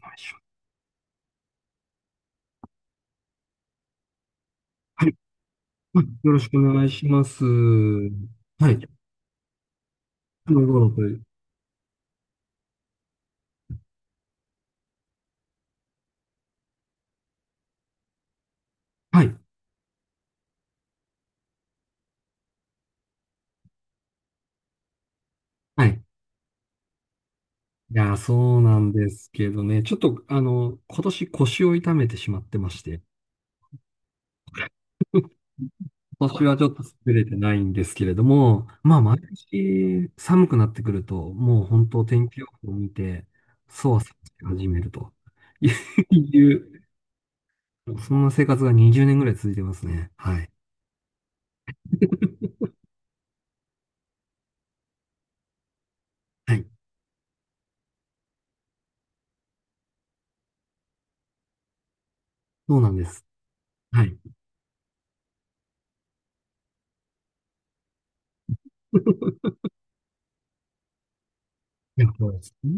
はい。よろしくお願いします。はい。あうごろといはい。はい。いやー、そうなんですけどね。ちょっと、今年腰を痛めてしまってまして、今年はちょっと作れてないんですけれども、まあ、毎年寒くなってくると、もう本当天気予報を見て、そわそわし始めるという、そんな生活が20年ぐらい続いてますね。はい。はい。そうなんです。はい。いや、そうですね。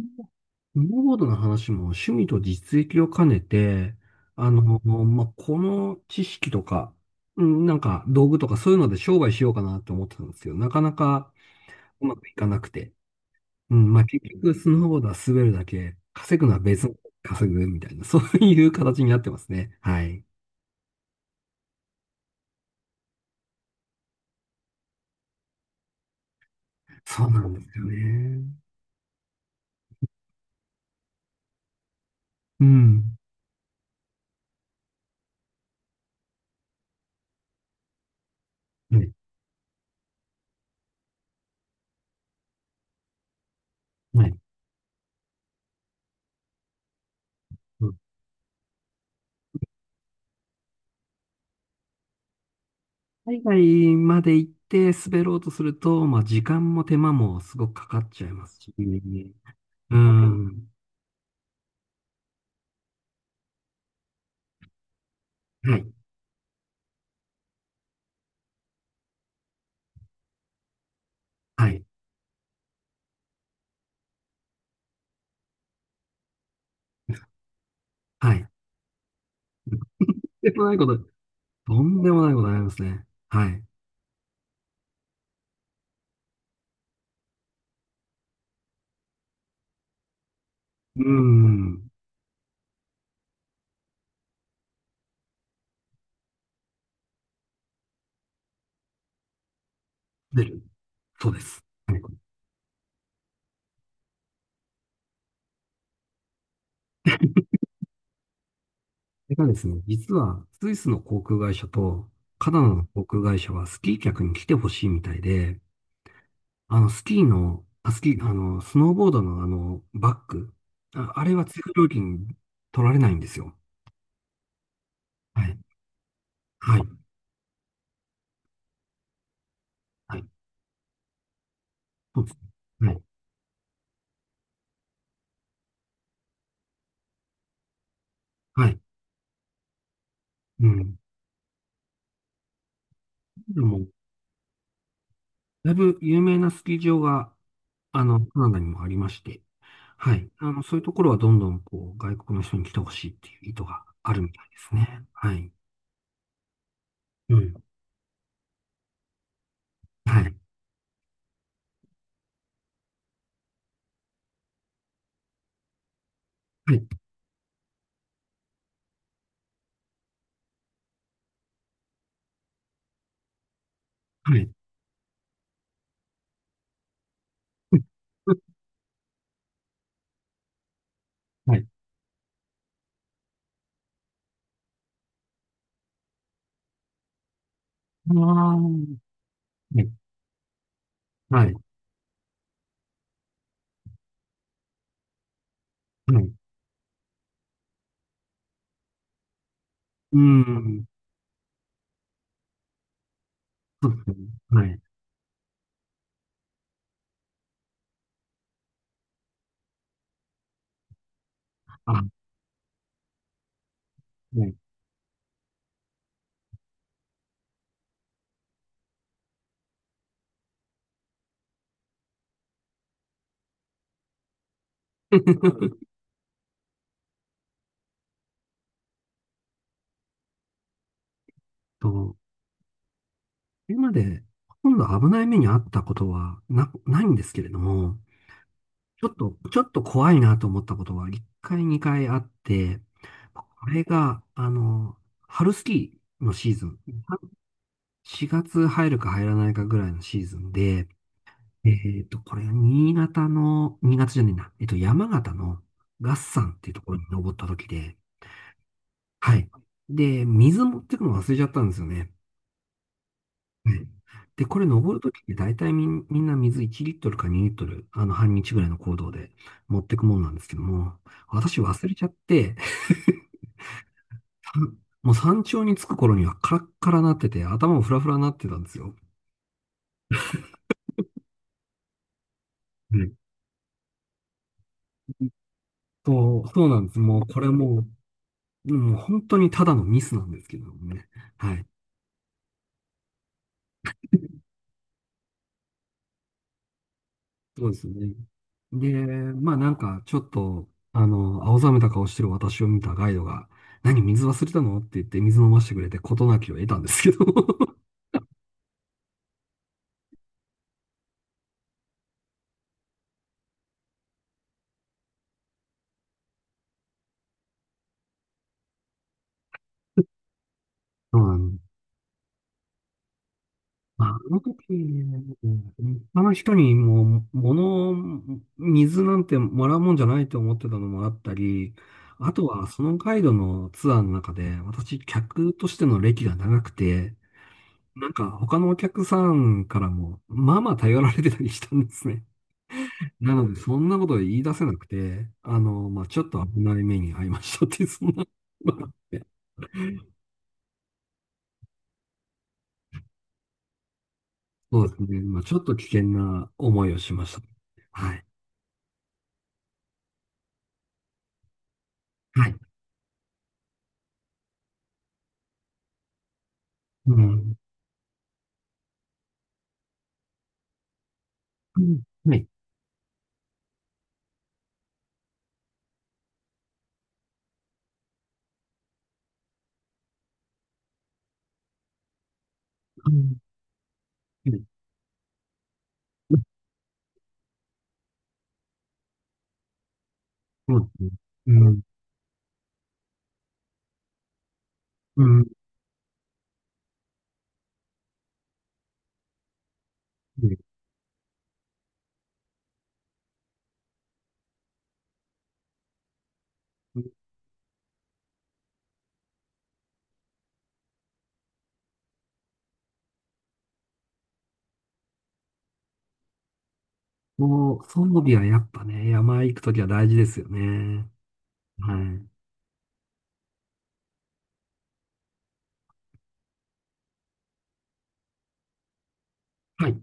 スノーボードの話も趣味と実益を兼ねて、まあ、この知識とか、うん、なんか道具とかそういうので商売しようかなと思ってたんですけど、なかなかうまくいかなくて。うん、まあ、結局スノーボードは滑るだけ、稼ぐのは別の稼ぐみたいな、そういう形になってますね。はい。そうなんですよね。うん。はい。はい。うん。海外まで行って滑ろうとすると、まあ、時間も手間もすごくかかっちゃいますし、うん。はい、はい、はい。えっとんでもないこと、とんでもないことになりますね。はい。うーん。出る。そうです。はい。これがですね、実は、スイスの航空会社と、カナダの航空会社はスキー客に来てほしいみたいで、あの、スキーの、あ、スキー、あの、スノーボードのバッグ、あれは追加料金取られないんですよ。はい。はい。はい。そうですね。はい。はい。うん。でも、だいぶ有名なスキー場がカナダにもありまして、はい。そういうところはどんどん、外国の人に来てほしいっていう意図があるみたいですね。はい。うん。はい。はい。はい。うん。はい。ああ、はい。はい。はい。うん。そうですね。はい。あ、はい。と、今まで、ほとんど危ない目に遭ったことはないんですけれども、ちょっと怖いなと思ったことは、1回、2回あって、これが、春スキーのシーズン、4月入るか入らないかぐらいのシーズンで、これ、新潟の、新潟じゃねえな、山形の月山っていうところに登った時で、はい。で、水持ってくの忘れちゃったんですよね。はい。で、これ登るときって大体みんな水1リットルか2リットル、半日ぐらいの行動で持ってくもんなんですけども、私忘れちゃって、もう山頂に着く頃にはカラッカラなってて、頭もフラフラなってたんですよ。うん。そうなんです。もう、もう本当にただのミスなんですけどもね。はい。そうですね。で、まあなんかちょっと、青ざめた顔してる私を見たガイドが、何、水忘れたのって言って水飲ませてくれて事なきを得たんですけど。そうなんまあ、あの時ね、あの人にもう、水なんてもらうもんじゃないと思ってたのもあったり、あとはそのガイドのツアーの中で、私、客としての歴が長くて、なんか他のお客さんからも、まあまあ頼られてたりしたんですね。なので、そんなこと言い出せなくて、まあ、ちょっと危ない目に遭いましたっていう、そんな、まああって、そうですね。まあ、ちょっと危険な思いをしました。はい。はい。うん。うん。はい。うん。はい。そうですね。うん。うん。うん。もう、装備はやっぱね、山行くときは大事ですよね。はい。はい。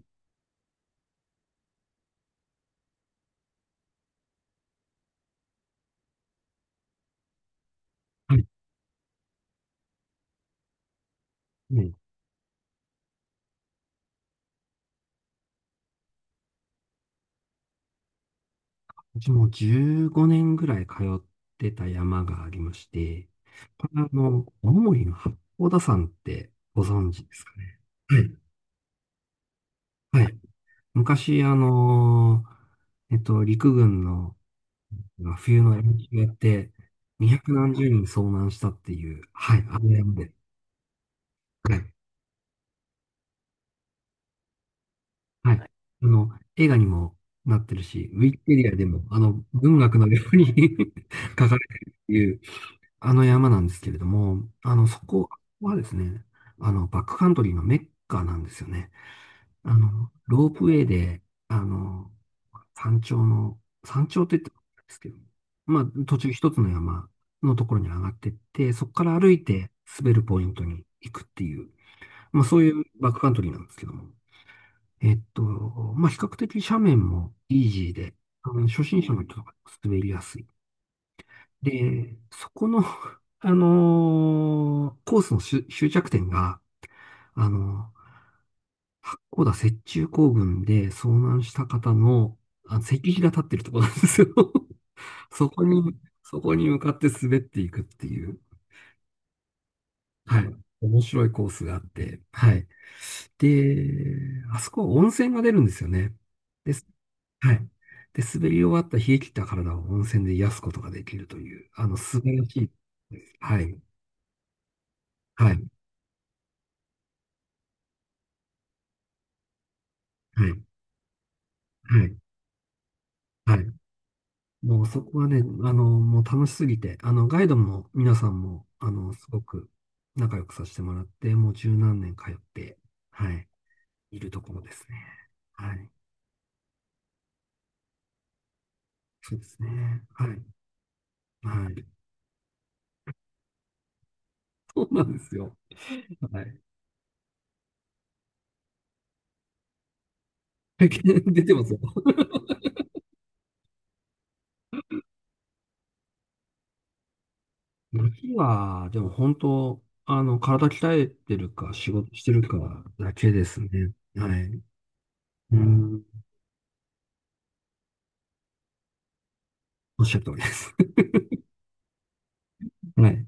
はい。はい。私もう15年ぐらい通ってた山がありまして、これ青森の八甲田山ってご存知ですかね。はい。はい。昔、陸軍の冬の演習やって、二百何十人遭難したっていう、はい、あの山で。はい。はい。の、映画にもなってるし、ウィキペディアでも、文学のように 書かれてるってい、あの山なんですけれども、そこはですね、バックカントリーのメッカなんですよね。ロープウェイで、あの、山頂の、山頂って言ってもいいんですけど、まあ、途中一つの山のところに上がってって、そこから歩いて滑るポイントに行くっていう、まあ、そういうバックカントリーなんですけども。えっと、まあ、比較的斜面もイージーで、初心者の人とか滑りやすい。で、そこの、コースの終着点が、あのー八甲田雪中行軍で遭難した方の、石碑が立ってるところなんですよ。そこに向かって滑っていくっていう、はい、面白いコースがあって、はい。で、あそこは温泉が出るんですよね。です、はい。で、滑り終わった冷え切った体を温泉で癒すことができるという、素晴らしいです。はい。はい。はい、はい、はい。もうそこはね、もう楽しすぎて、ガイドも皆さんも、すごく仲良くさせてもらって、もう十何年通って、はい、いるところですね。はい、そうですね。はい、はい。そうなんですよ。はい。出てますよ。次は、でも本当、体鍛えてるか、仕事してるかだけですね。はい。うん、おっしゃる通りです。はい。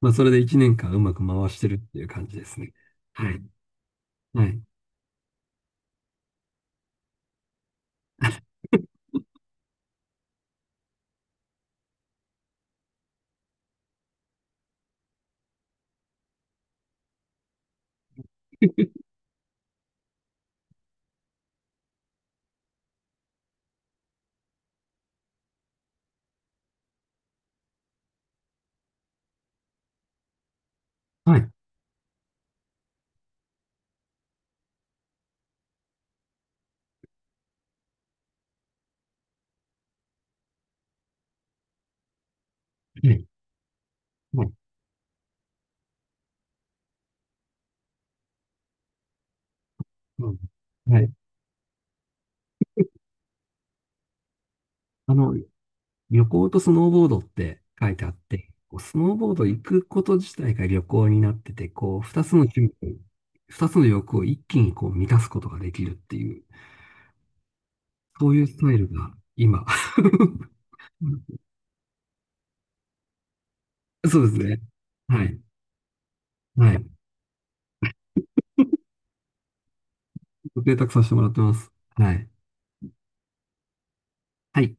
まあ、それで1年間うまく回してるっていう感じですね。はい。はい。はい。はい。はい。うん。はい。あの、旅行とスノーボードって書いてあって、こうスノーボード行くこと自体が旅行になってて、こう、二つの趣味、二つの欲を一気にこう満たすことができるっていう、そういうスタイルが今。そうですね。はい。はい。ご提託させてもらってます。はい。はい